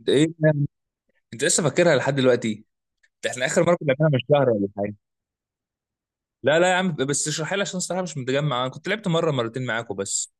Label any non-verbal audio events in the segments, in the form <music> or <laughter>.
انت ايه ده؟ انت لسه فاكرها لحد دلوقتي؟ ده احنا اخر مره كنا بنعملها من شهر ولا حاجه. لا لا يا عم، بس اشرحها لي عشان الصراحه مش متجمع، انا كنت لعبت مره مرتين معاكم بس.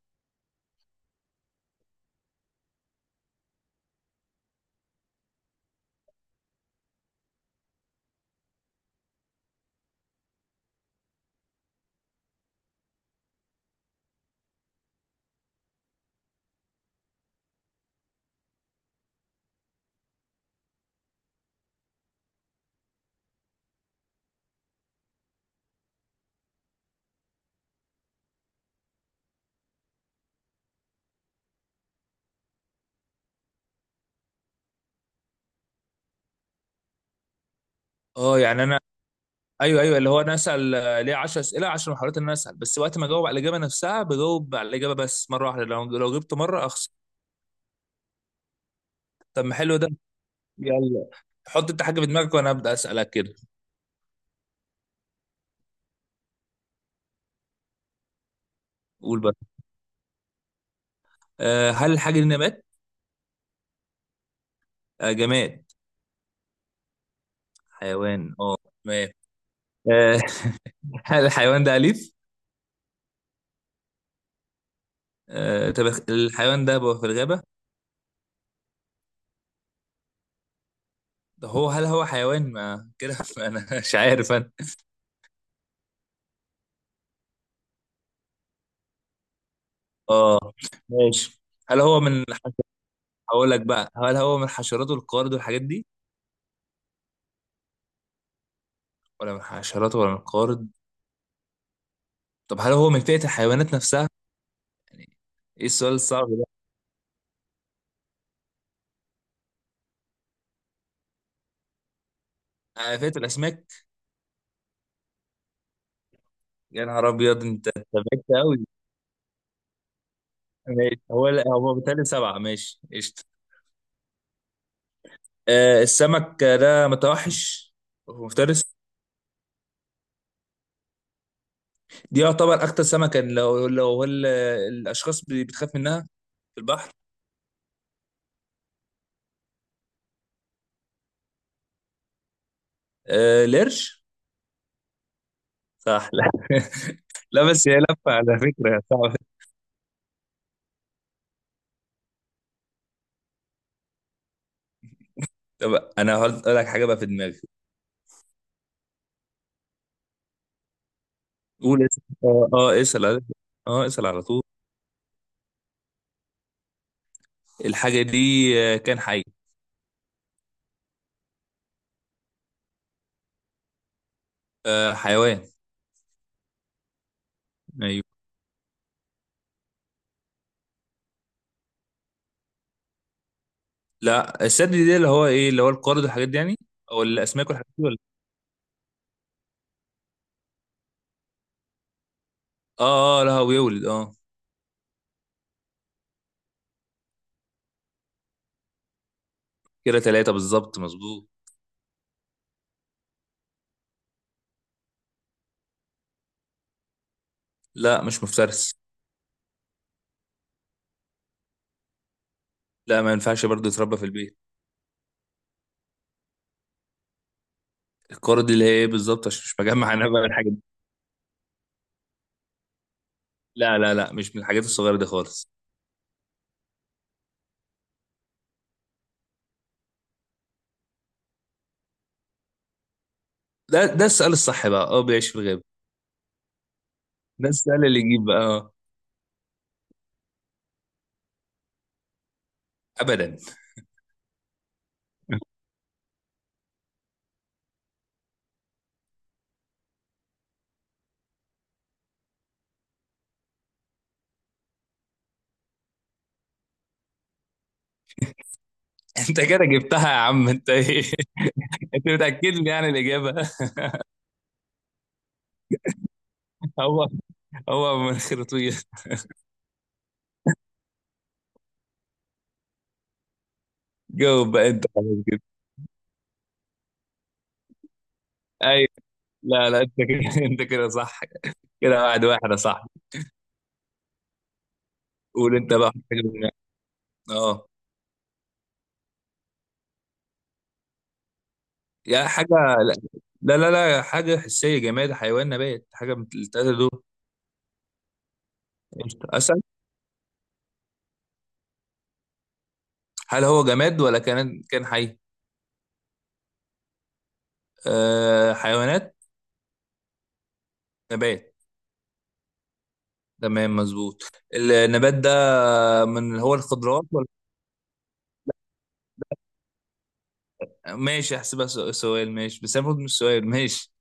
اه يعني انا، ايوه ايوه، اللي هو انا اسال، ليه 10 اسئله، 10 محاولات، ان انا اسال بس، وقت ما اجاوب على الاجابه نفسها بجاوب على الاجابه بس مره واحده، لو جبت مره اخسر. طب ما حلو ده، يلا. حط انت حاجه في دماغك وانا ابدا اسالك كده. قول بقى. أه هل الحاجه دي نبات؟ أه جماد؟ حيوان، اه. تمام. أه <laughs> هل الحيوان ده اليف؟ أه طب الحيوان ده بيبقى في الغابه؟ ده هو، هل هو حيوان ما كده؟ <laughs> انا مش عارف انا. اه ماشي. هل هو من هقول لك بقى، هل هو من حشرات القارد والحاجات دي، ولا من حشرات ولا من القارد؟ طب هل هو من فئة الحيوانات نفسها يعني؟ ايه السؤال الصعب ده؟ فئة الاسماك؟ يا نهار ابيض، أنت بعدت قوي. ماشي هو لا، هو بالتالي سبعة. ماشي قشطة. السمك ده متوحش؟ هو مفترس؟ دي يعتبر اكتر سمكة، لو هو الاشخاص بتخاف منها في البحر. القرش؟ صح؟ لا <laughs> لا، بس هي لفه على فكره صعبه. طب انا هقول لك حاجه بقى في دماغي. قول اسال، اسال على طول. الحاجه دي كان حي؟ آه حيوان؟ ايوه. لا الثدي دي اللي هو ايه، اللي هو القارد والحاجات دي يعني، او الاسماك والحاجات دي، ولا؟ اه اه، لا هو بيولد اه. كده ثلاثه بالظبط، مظبوط. لا مش مفترس. لا، ما ينفعش برضه يتربى في البيت. القارد اللي هي ايه بالظبط، عشان مش مجمع انا بقى الحاجات دي. لا لا لا، مش من الحاجات الصغيره دي خالص. ده السؤال الصح بقى، اه بيعيش في الغابه. ده السؤال اللي يجيب بقى آه. ابدا. <laughs> انت كده جبتها يا عم، انت ايه؟ <laughs> انت متاكد لي يعني الاجابه؟ <laughs> هو هو من خرطويه. جاوب بقى انت خلاص كده، ايوه. لا لا انت كده <laughs> انت كده صح، كده واحد واحد يا صاحبي. قول انت بقى حاجه اه يا حاجه. لا لا لا لا، حاجه حسيه، جماد حيوان نبات، حاجه من الثلاثه دول. قشطة. اسال. هل هو جماد ولا كان حي؟ آه حيوانات؟ نبات؟ تمام مظبوط. النبات ده من هو الخضروات؟ ماشي احسبها سؤال، ماشي بس المفروض مش سؤال، ماشي.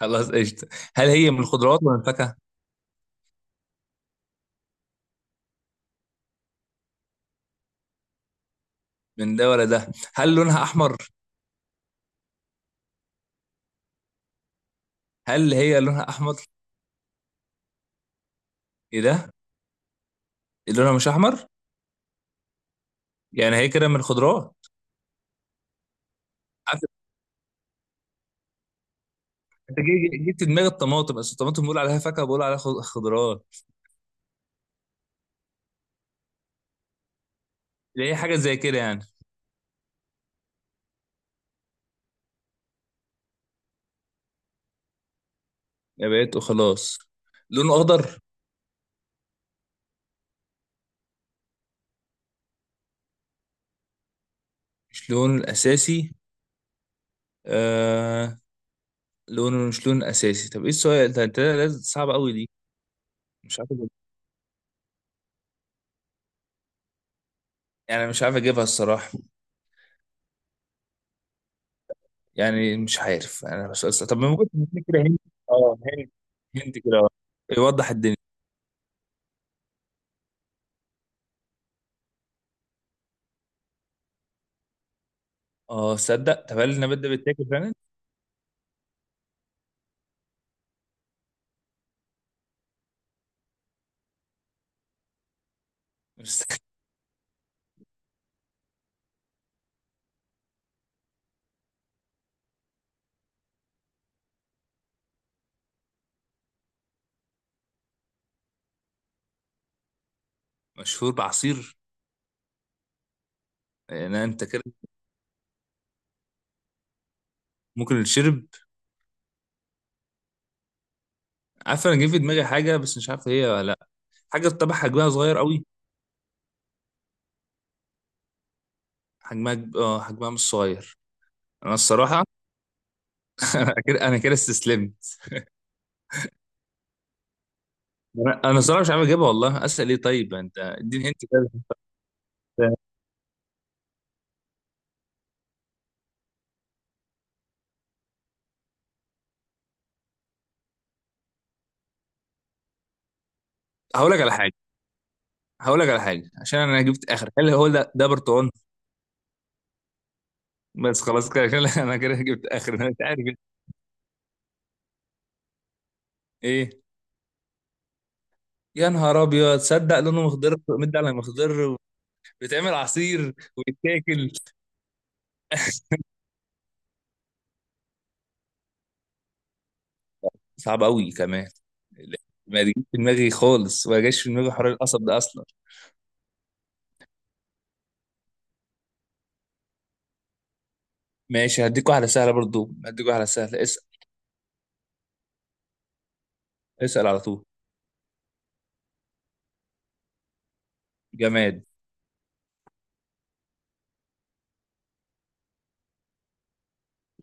خلاص قشطة. هل هي من الخضروات ولا من الفاكهة؟ من ده ولا ده؟ هل لونها أحمر؟ هل هي لونها أحمر؟ إيه ده؟ إيه، لونها مش أحمر؟ يعني هي كده من الخضروات؟ عارف، أنت جبت دماغ الطماطم، بس الطماطم بقول عليها فاكهة، بقول عليها خضروات، اللي هي حاجة زي كده يعني. يا بقيت وخلاص. لونه أخضر؟ مش لونه الأساسي؟ آه، لونه مش لونه الأساسي، طب إيه السؤال ده، أنت لازم صعب أوي دي. مش عارف أجيب- يعني مش عارف أجيبها الصراحة، يعني مش عارف انا، مش أصلاً. طب ممكن تديني كده هنت؟ اه هنت، هنت كده آه. يوضح الدنيا. اه صدق. طب هل النبات ده بيتاكل فعلا؟ مش- <laughs> مشهور بعصير؟ يعني انت كده، ممكن الشرب. عارف، انا جه في دماغي حاجه بس مش عارف هي ولا لا. حاجه طبعا حجمها صغير قوي؟ حجمها حجمها مش صغير. انا الصراحه <laughs> انا كده، انا كده استسلمت. أنا الصراحه مش عارف اجيبها والله، اسال ايه؟ طيب انت اديني هنت كده <laughs> هقول لك على حاجه، هقول لك على حاجه عشان انا جبت اخر. هل هو ده برتقال؟ بس خلاص كده، عشان <laughs> لا، انا كده جبت اخر، انا مش عارف ايه. يا نهار ابيض، تصدق لونه مخضر، مد على مخضر. بيتعمل عصير ويتاكل <laughs> صعب قوي كمان. لا، ما جاش في دماغي خالص، ما جاش في دماغي حوار القصب ده اصلا. ماشي، هديك واحده سهله برضو، هديك واحده سهله، اسال. اسال على طول. جماد.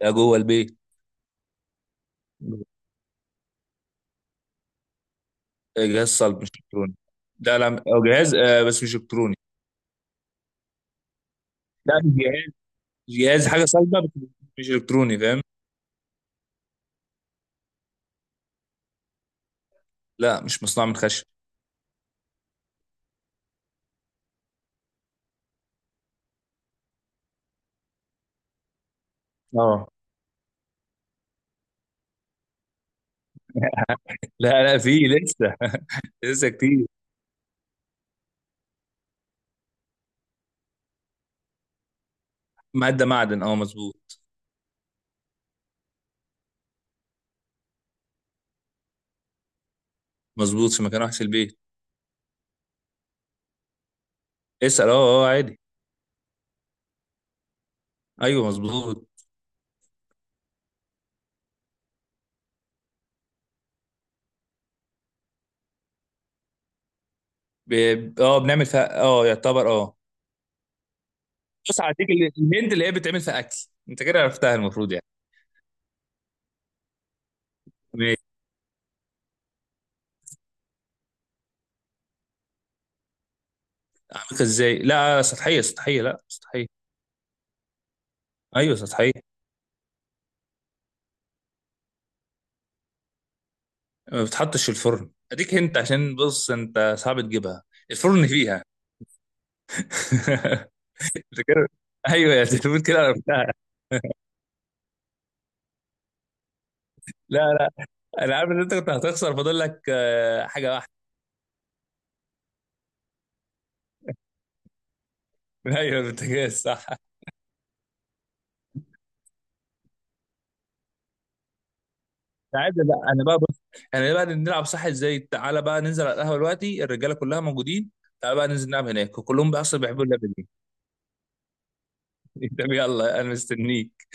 لا جوه البيت. جهاز صلب مش الكتروني. لا لا، أو جهاز آه بس مش الكتروني. لا مش جهاز. جهاز، حاجه صلبه بس مش الكتروني، فاهم. لا مش مصنوع من خشب. اه. لا لا في لسه <laughs> لسه كتير. معدة معدن، اه مظبوط. مظبوط، في مكان وحش البيت. اسأل، اه. اه عادي. ايوه مظبوط. ب... اه بنعمل فيها اه، يعتبر اه. بص، هديك الهند اللي هي بتعمل فيها اكل، انت كده عرفتها المفروض يعني. ماشي عملتها ازاي. لا سطحية سطحية، لا سطحية. ايوه سطحية. ما بتحطش في الفرن، اديك هنت عشان بص انت صعب تجيبها. الفرن فيها <laughs> انت كده، ايوه يا تلفون كده عرفتها. لا لا. انا عارف ان انت كنت هتخسر، فاضل لك حاجة واحدة. ايوه البوتاجاز، صح. عادي لا، انا بقى بص، احنا بقى نلعب صح ازاي؟ تعالى بقى ننزل على القهوه دلوقتي الرجاله كلها موجودين، تعالى بقى ننزل نلعب هناك وكلهم بقى اصلا بيحبوا اللعبه دي. <laughs> طب يلا، انا مستنيك.